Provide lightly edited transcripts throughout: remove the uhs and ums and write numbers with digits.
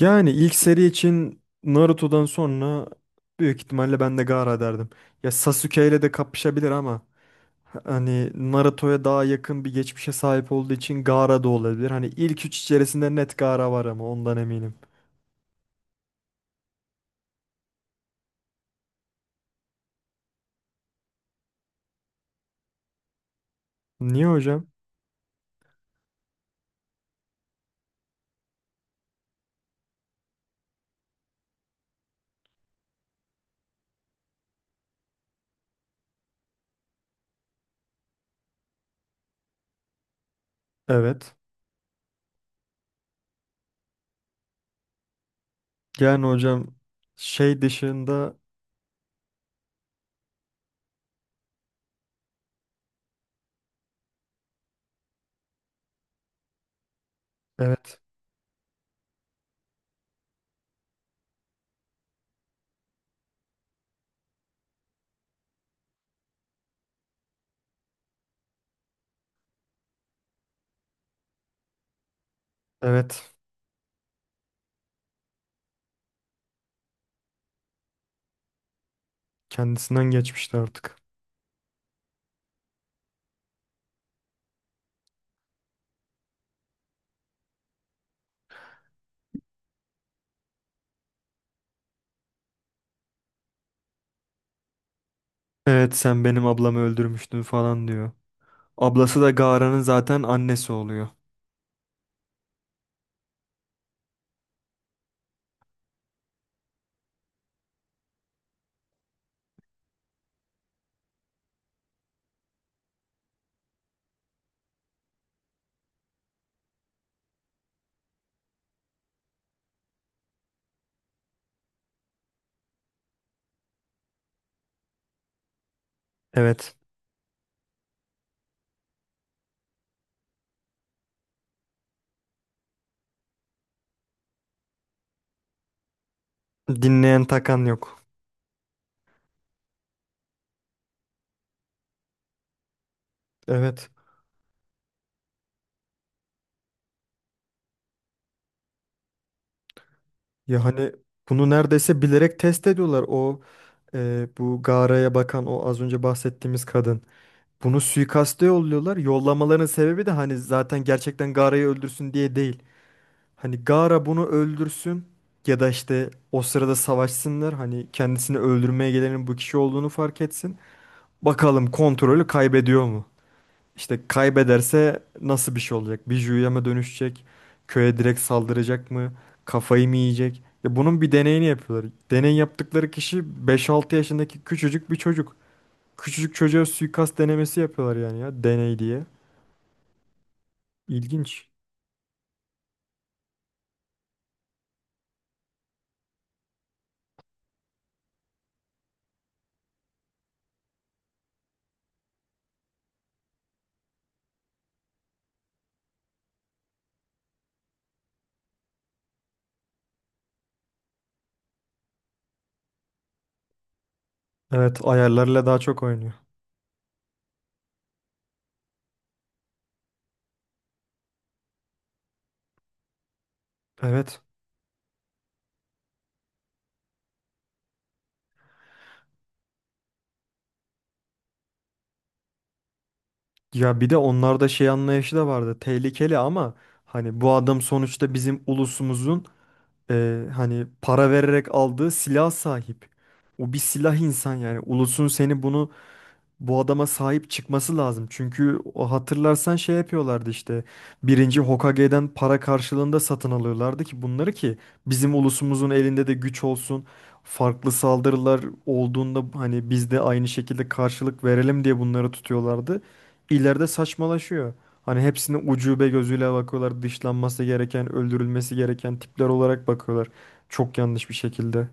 Yani ilk seri için Naruto'dan sonra büyük ihtimalle ben de Gaara derdim. Ya Sasuke ile de kapışabilir ama hani Naruto'ya daha yakın bir geçmişe sahip olduğu için Gaara da olabilir. Hani ilk üç içerisinde net Gaara var ama ondan eminim. Niye hocam? Evet. Yani hocam şey dışında evet evet kendisinden geçmişti artık. Evet, sen benim ablamı öldürmüştün falan diyor. Ablası da Gaara'nın zaten annesi oluyor. Evet. Dinleyen takan yok. Evet. Ya hani bunu neredeyse bilerek test ediyorlar. Bu Gara'ya bakan o az önce bahsettiğimiz kadın. Bunu suikaste yolluyorlar. Yollamaların sebebi de hani zaten gerçekten Gara'yı öldürsün diye değil. Hani Gara bunu öldürsün ya da işte o sırada savaşsınlar. Hani kendisini öldürmeye gelenin bu kişi olduğunu fark etsin. Bakalım kontrolü kaybediyor mu? İşte kaybederse nasıl bir şey olacak? Bir Juu'ya mı dönüşecek? Köye direkt saldıracak mı? Kafayı mı yiyecek? Ya bunun bir deneyini yapıyorlar. Deney yaptıkları kişi 5-6 yaşındaki küçücük bir çocuk. Küçücük çocuğa suikast denemesi yapıyorlar yani ya deney diye. İlginç. Evet, ayarlarla daha çok oynuyor. Evet. Ya bir de onlarda şey anlayışı da vardı. Tehlikeli ama hani bu adam sonuçta bizim ulusumuzun hani para vererek aldığı silah sahip. O bir silah insan yani. Ulusun seni bunu bu adama sahip çıkması lazım. Çünkü o hatırlarsan şey yapıyorlardı işte. Birinci Hokage'den para karşılığında satın alıyorlardı ki bunları ki bizim ulusumuzun elinde de güç olsun. Farklı saldırılar olduğunda hani biz de aynı şekilde karşılık verelim diye bunları tutuyorlardı. İleride saçmalaşıyor. Hani hepsini ucube gözüyle bakıyorlar. Dışlanması gereken, öldürülmesi gereken tipler olarak bakıyorlar. Çok yanlış bir şekilde.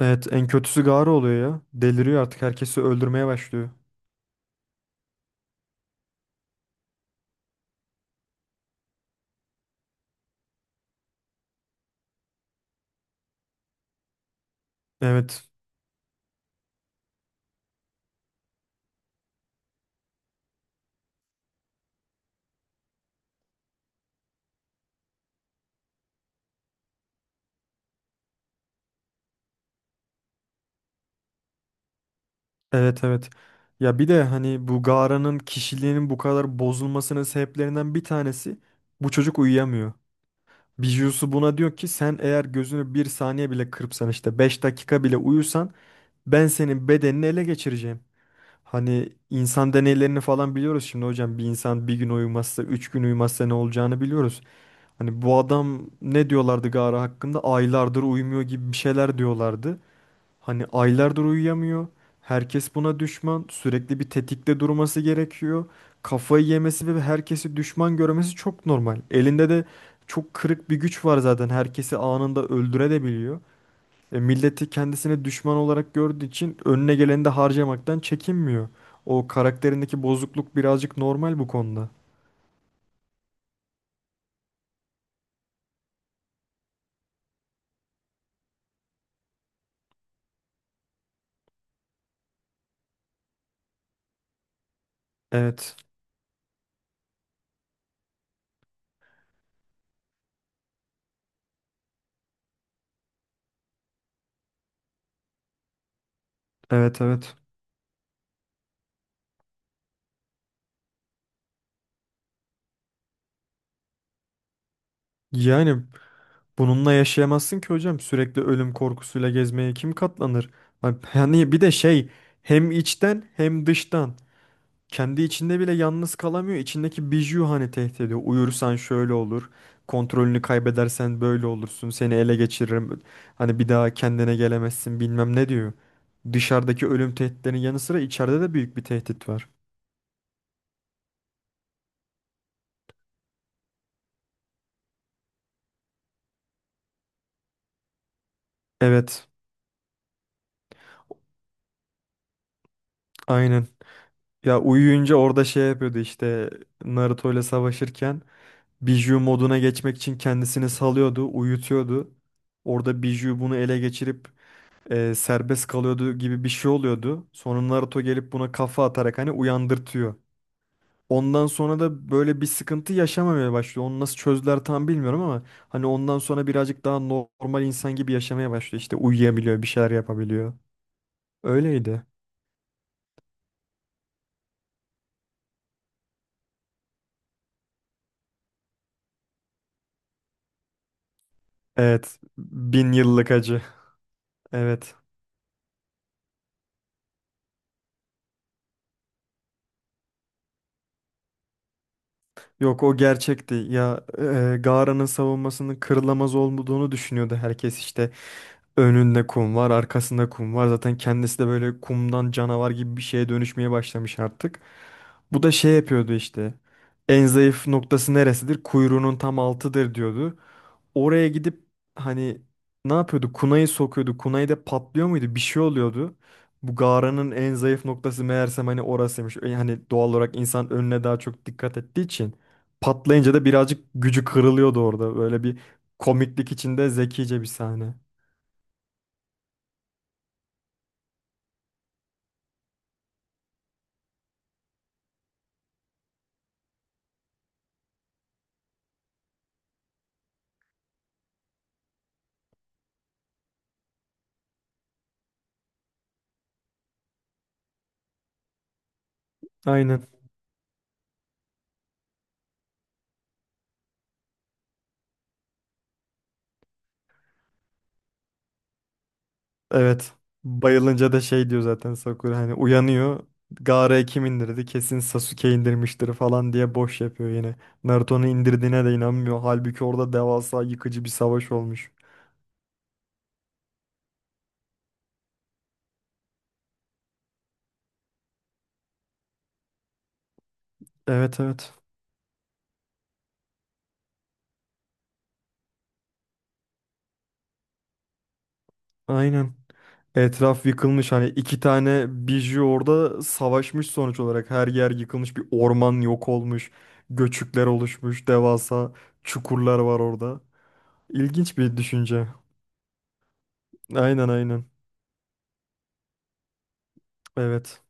Evet, en kötüsü Gaara oluyor ya. Deliriyor, artık herkesi öldürmeye başlıyor. Evet, evet, evet. Ya bir de hani bu Gara'nın kişiliğinin bu kadar bozulmasının sebeplerinden bir tanesi bu çocuk uyuyamıyor. Bijousu buna diyor ki sen eğer gözünü bir saniye bile kırpsan, işte 5 dakika bile uyusan ben senin bedenini ele geçireceğim. Hani insan deneylerini falan biliyoruz, şimdi hocam bir insan bir gün uyumazsa 3 gün uyumazsa ne olacağını biliyoruz. Hani bu adam ne diyorlardı Gara hakkında, aylardır uyumuyor gibi bir şeyler diyorlardı. Hani aylardır uyuyamıyor. Herkes buna düşman. Sürekli bir tetikte durması gerekiyor. Kafayı yemesi ve herkesi düşman görmesi çok normal. Elinde de çok kırık bir güç var zaten. Herkesi anında öldürebiliyor. Milleti kendisine düşman olarak gördüğü için önüne geleni de harcamaktan çekinmiyor. O karakterindeki bozukluk birazcık normal bu konuda. Evet. Evet, evet. Yani bununla yaşayamazsın ki hocam. Sürekli ölüm korkusuyla gezmeye kim katlanır? Yani bir de şey, hem içten hem dıştan. Kendi içinde bile yalnız kalamıyor. İçindeki biju hani tehdit ediyor. Uyursan şöyle olur. Kontrolünü kaybedersen böyle olursun. Seni ele geçiririm. Hani bir daha kendine gelemezsin bilmem ne diyor. Dışarıdaki ölüm tehditlerinin yanı sıra içeride de büyük bir tehdit var. Evet, aynen. Ya uyuyunca orada şey yapıyordu işte, Naruto ile savaşırken Biju moduna geçmek için kendisini salıyordu, uyutuyordu. Orada Biju bunu ele geçirip serbest kalıyordu gibi bir şey oluyordu. Sonra Naruto gelip buna kafa atarak hani uyandırtıyor. Ondan sonra da böyle bir sıkıntı yaşamamaya başlıyor. Onu nasıl çözdüler tam bilmiyorum ama hani ondan sonra birazcık daha normal insan gibi yaşamaya başlıyor. İşte uyuyabiliyor, bir şeyler yapabiliyor. Öyleydi. Evet, bin yıllık acı. Evet. Yok, o gerçekti. Ya Gara'nın savunmasının kırılamaz olduğunu düşünüyordu herkes işte. Önünde kum var, arkasında kum var. Zaten kendisi de böyle kumdan canavar gibi bir şeye dönüşmeye başlamış artık. Bu da şey yapıyordu işte. En zayıf noktası neresidir? Kuyruğunun tam altıdır diyordu. Oraya gidip hani ne yapıyordu? Kunayı sokuyordu. Kunayı da patlıyor muydu? Bir şey oluyordu. Bu Gara'nın en zayıf noktası meğersem hani orasıymış. Hani doğal olarak insan önüne daha çok dikkat ettiği için patlayınca da birazcık gücü kırılıyordu orada. Böyle bir komiklik içinde zekice bir sahne. Aynen. Evet. Bayılınca da şey diyor zaten Sakura, hani uyanıyor. Gaara'ya kim indirdi? Kesin Sasuke indirmiştir falan diye boş yapıyor yine. Naruto'nun indirdiğine de inanmıyor. Halbuki orada devasa, yıkıcı bir savaş olmuş. Evet, evet. Aynen. Etraf yıkılmış, hani iki tane biju orada savaşmış sonuç olarak. Her yer yıkılmış, bir orman yok olmuş. Göçükler oluşmuş. Devasa çukurlar var orada. İlginç bir düşünce. Aynen, aynen. Evet.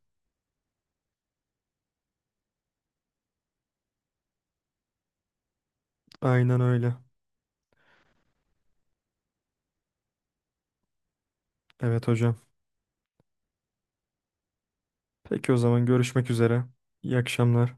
Aynen öyle. Evet hocam. Peki o zaman görüşmek üzere. İyi akşamlar.